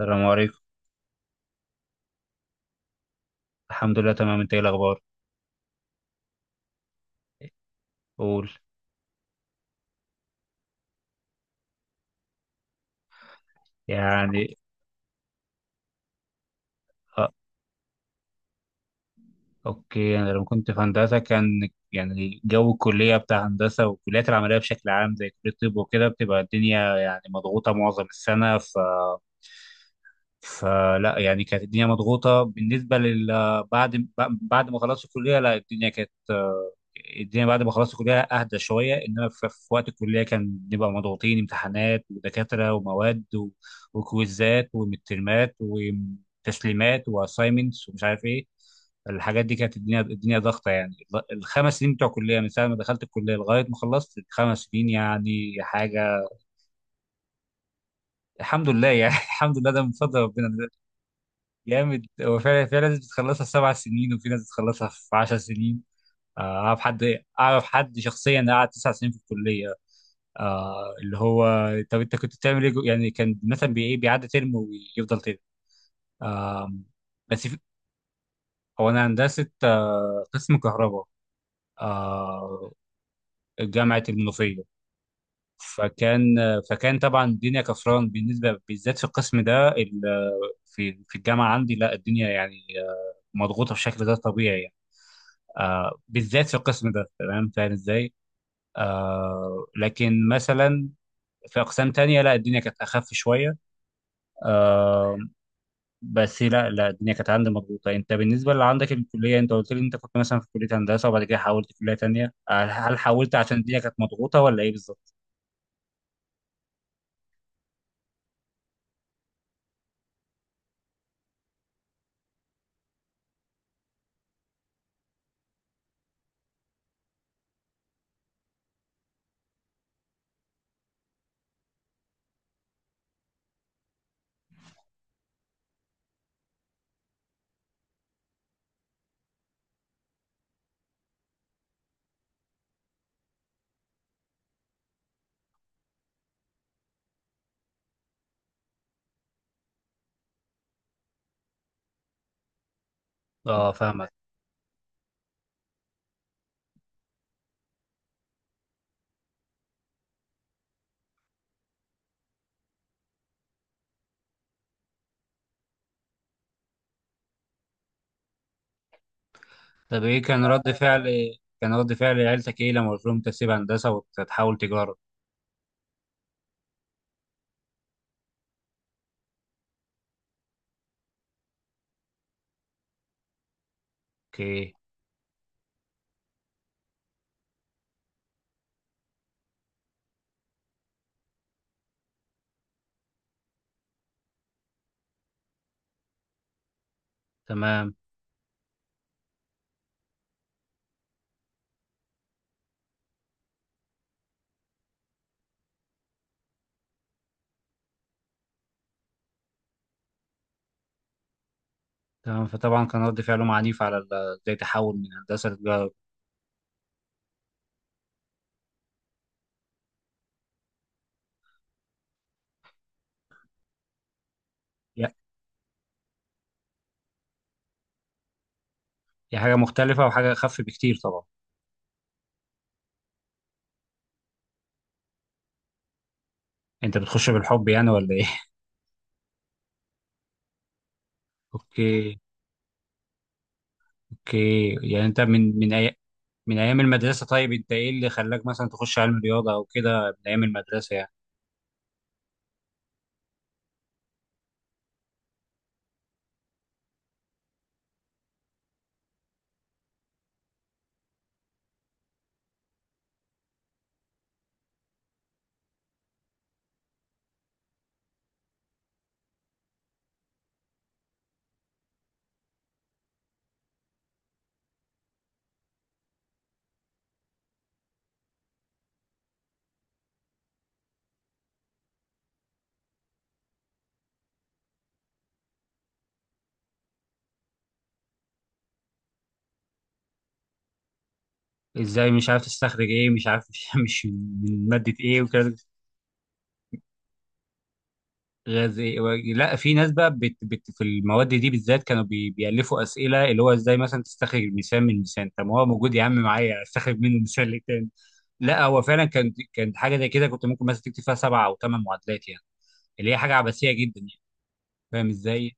السلام عليكم. الحمد لله تمام، انت ايه الاخبار؟ قول. يعني اه اوكي. انا لما كنت في هندسه كان يعني جو الكليه بتاع هندسه والكليات العمليه بشكل عام زي كليه الطب وكده بتبقى الدنيا يعني مضغوطه معظم السنه. فلا يعني كانت الدنيا مضغوطة بالنسبة لل، بعد بعد ما خلصت الكلية، لا الدنيا كانت الدنيا بعد ما خلصت الكلية أهدى شوية، إنما في وقت الكلية كان بنبقى مضغوطين، امتحانات ودكاترة ومواد و- وكويزات ومترمات وتسليمات وأسايمنتس ومش عارف إيه. الحاجات دي كانت الدنيا ضغطة يعني. ال5 سنين بتوع الكلية من ساعة ما دخلت الكلية لغاية ما خلصت ال5 سنين يعني حاجة. الحمد لله يعني الحمد لله، ده من فضل ربنا. جامد، هو فعلا في ناس بتخلصها في 7 سنين وفي ناس بتخلصها في 10 سنين. آه، أعرف حد شخصيا قعد 9 سنين في الكلية. آه، اللي هو. طب أنت كنت بتعمل إيه جو- يعني كان مثلا بي- إيه، بيعدي ترم ويفضل ترم، آه بس في-، هو أنا هندسة، قسم كهرباء، آه جامعة المنوفية. فكان طبعا الدنيا كفران بالنسبة بالذات في القسم ده ال-، في الجامعة عندي، لا الدنيا يعني مضغوطة بشكل غير طبيعي يعني. بالذات في القسم ده، تمام، فاهم ازاي. لكن مثلا في اقسام تانية لا الدنيا كانت اخف شويه. آه بس لا لا الدنيا كانت عندي مضغوطه. انت بالنسبه اللي عندك الكليه، انت قلت لي انت كنت مثلا في كليه هندسه وبعد كده حولت كليه تانية، هل حولت عشان الدنيا كانت مضغوطه ولا ايه بالظبط؟ اه، فاهمك. طب ايه كان رد فعل، كان رد فعل عيلتك ايه لما قلت لهم انت تسيب هندسه وتحول تجاره؟ اوكي. تمام، تمام، فطبعا كان رد فعلهم عنيف على ال-، ازاي تحول من هندسه لتجاره؟ هي حاجة مختلفة وحاجة أخف بكتير طبعا. أنت بتخش بالحب يعني ولا إيه؟ أوكي، أوكي، يعني أنت من أي... من أيام المدرسة، طيب أنت إيه اللي خلاك مثلا تخش علم رياضة أو كده من أيام المدرسة يعني؟ إزاي مش عارف تستخرج إيه مش عارف مش من مادة إيه وكده. غاز إيه و... لا، في ناس بقى بت... بت... في المواد دي بالذات كانوا بي... بيألفوا أسئلة، اللي هو إزاي مثلا تستخرج المثال من المثال؟ طب ما هو موجود يا عم معايا أستخرج منه مثال للتاني. لا، هو فعلا كان حاجة زي كده، كنت ممكن مثلا تكتب فيها سبعة أو ثمان معادلات يعني. اللي هي حاجه عبثيه جدا يعني، فاهم ازاي.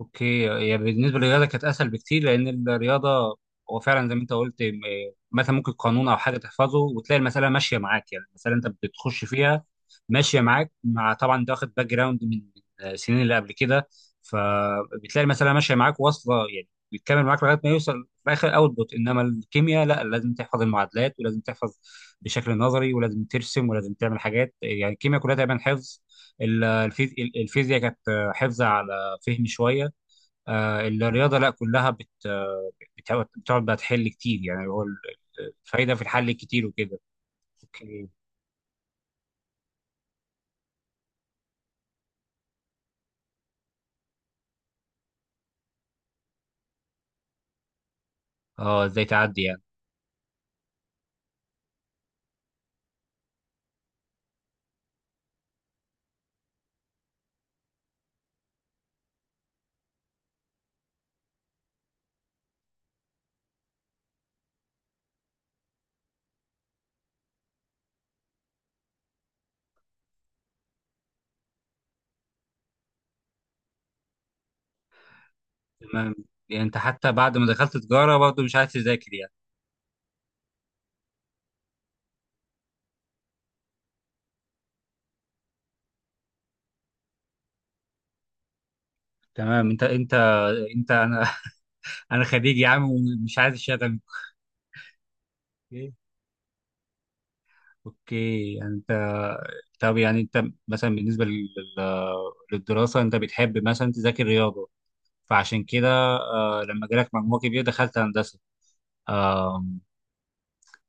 اوكي، هي بالنسبه للرياضه كانت اسهل بكتير، لان الرياضه هو فعلا زي ما انت قلت م- مثلا ممكن قانون او حاجه تحفظه وتلاقي المساله ماشيه معاك، يعني المساله انت بتخش فيها ماشيه معاك، مع طبعا انت واخد باك جراوند من السنين اللي قبل كده، فبتلاقي المساله ماشيه معاك واصله يعني بيتكمل معاك لغايه ما يوصل في اخر اوتبوت. انما الكيمياء لا، لازم تحفظ المعادلات ولازم تحفظ بشكل نظري ولازم ترسم ولازم تعمل حاجات، يعني الكيمياء كلها تقريبا حفظ. ال- الفيز-، الفيزياء كانت حفظ على فهم شويه. الرياضه لا كلها بت، بتقعد بقى تحل كتير، يعني هو ال- الفايده في الحل كتير وكده. اوكي، اه، ازاي تعدي يعني. تمام، يعني انت حتى بعد ما دخلت تجاره برضه مش عايز تذاكر يعني. تمام، انت انا انا خريج يا عم ومش عايز الشهاده. اوكي، اوكي، يعني انت، طب يعني انت مثلا بالنسبه لل- للدراسه انت بتحب مثلا تذاكر رياضه فعشان كده لما جالك مجموع كبير دخلت هندسه،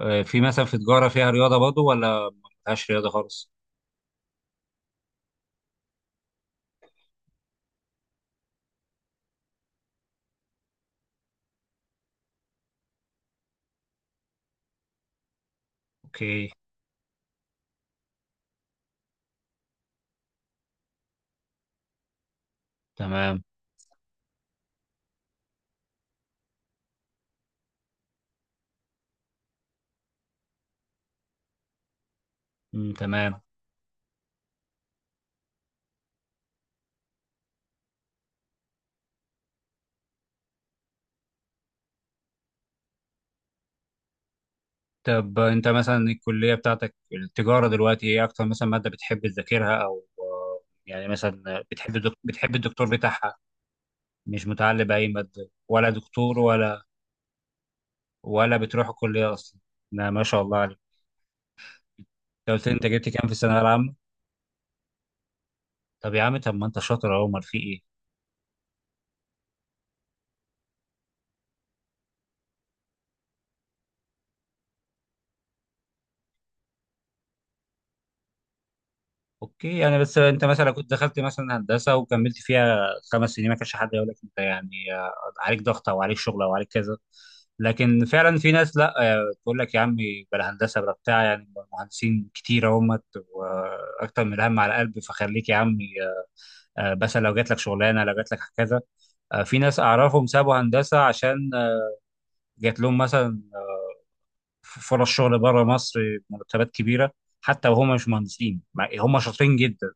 في مثلا في تجارة فيها رياضة برضه ولا ما فيهاش رياضة خالص؟ اوكي. تمام. مم، تمام. طب انت مثلا الكلية بتاعتك التجارة دلوقتي ايه اكتر مثلا مادة بتحب تذاكرها او يعني مثلا بتحب الدك... بتحب الدكتور بتاعها؟ مش متعلق بأي مادة ولا دكتور ولا؟ ولا بتروح الكلية اصلا؟ لا، ما شاء الله عليك. انت قلت لي انت جبت كام في الثانوية العامة؟ طب يا عم، طب ما انت شاطر اهو، امال في ايه؟ اوكي، يعني بس انت مثلا كنت دخلت مثلا هندسه وكملت فيها خمس سنين، ما كانش حد يقول لك انت يعني عليك ضغط او عليك شغل او عليك كذا. لكن فعلا في ناس لا تقول لك يا عمي بلا هندسه بلا بتاع، يعني مهندسين كتير اهمت واكتر من الهم على قلبي، فخليك يا عمي، مثلا لو جات لك شغلانه لو جات لك كذا. في ناس اعرفهم سابوا هندسه عشان جات لهم مثلا فرص شغل بره مصر، مرتبات كبيره، حتى وهم مش مهندسين، مع- هم شاطرين جدا.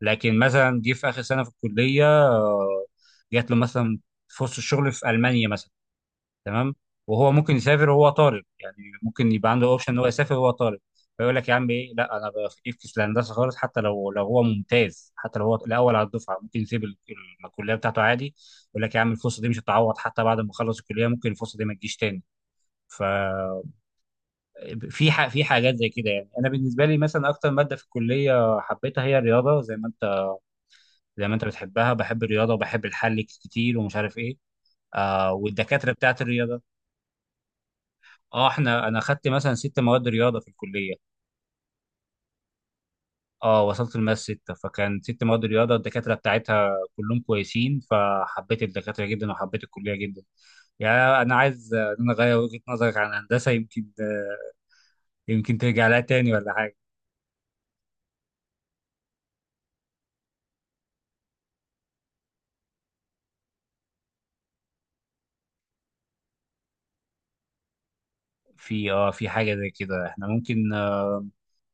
لكن مثلا جه في اخر سنه في الكليه جات له مثلا فرصه شغل في المانيا مثلا، تمام، وهو ممكن يسافر وهو طالب يعني، ممكن يبقى عنده اوبشن ان هو يسافر وهو طالب، فيقول لك يا عم ايه لا انا بفكس الهندسه خالص. حتى لو لو هو ممتاز حتى لو هو الاول على الدفعه ممكن يسيب ال- ال- الكليه بتاعته عادي. يقول لك يا عم الفرصه دي مش هتعوض، حتى بعد ما اخلص الكليه ممكن الفرصه دي ما تجيش تاني. ف في ح- في حاجات زي كده يعني. انا بالنسبه لي مثلا اكتر ماده في الكليه حبيتها هي الرياضه زي ما انت بتحبها، بحب الرياضه وبحب الحل كتير ومش عارف ايه. والدكاتره بتاعت الرياضه. اه، احنا انا خدت مثلا ست مواد رياضه في الكليه. اه، وصلت الماس سته، فكان ست مواد رياضه، الدكاتره بتاعتها كلهم كويسين، فحبيت الدكاتره جدا وحبيت الكليه جدا. يعني انا عايز ان انا اغير وجهه نظرك عن هندسه، يمكن يمكن ترجع لها تاني ولا حاجه. في في حاجه زي كده احنا ممكن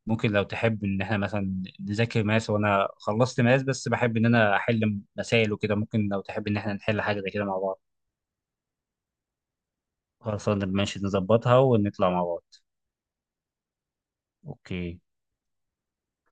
لو تحب ان احنا مثلا نذاكر ماس، وانا خلصت ماس بس بحب ان انا احل مسائل وكده، ممكن لو تحب ان احنا نحل حاجه زي كده مع بعض. خلاص، ماشي، نظبطها ونطلع مع بعض. اوكي.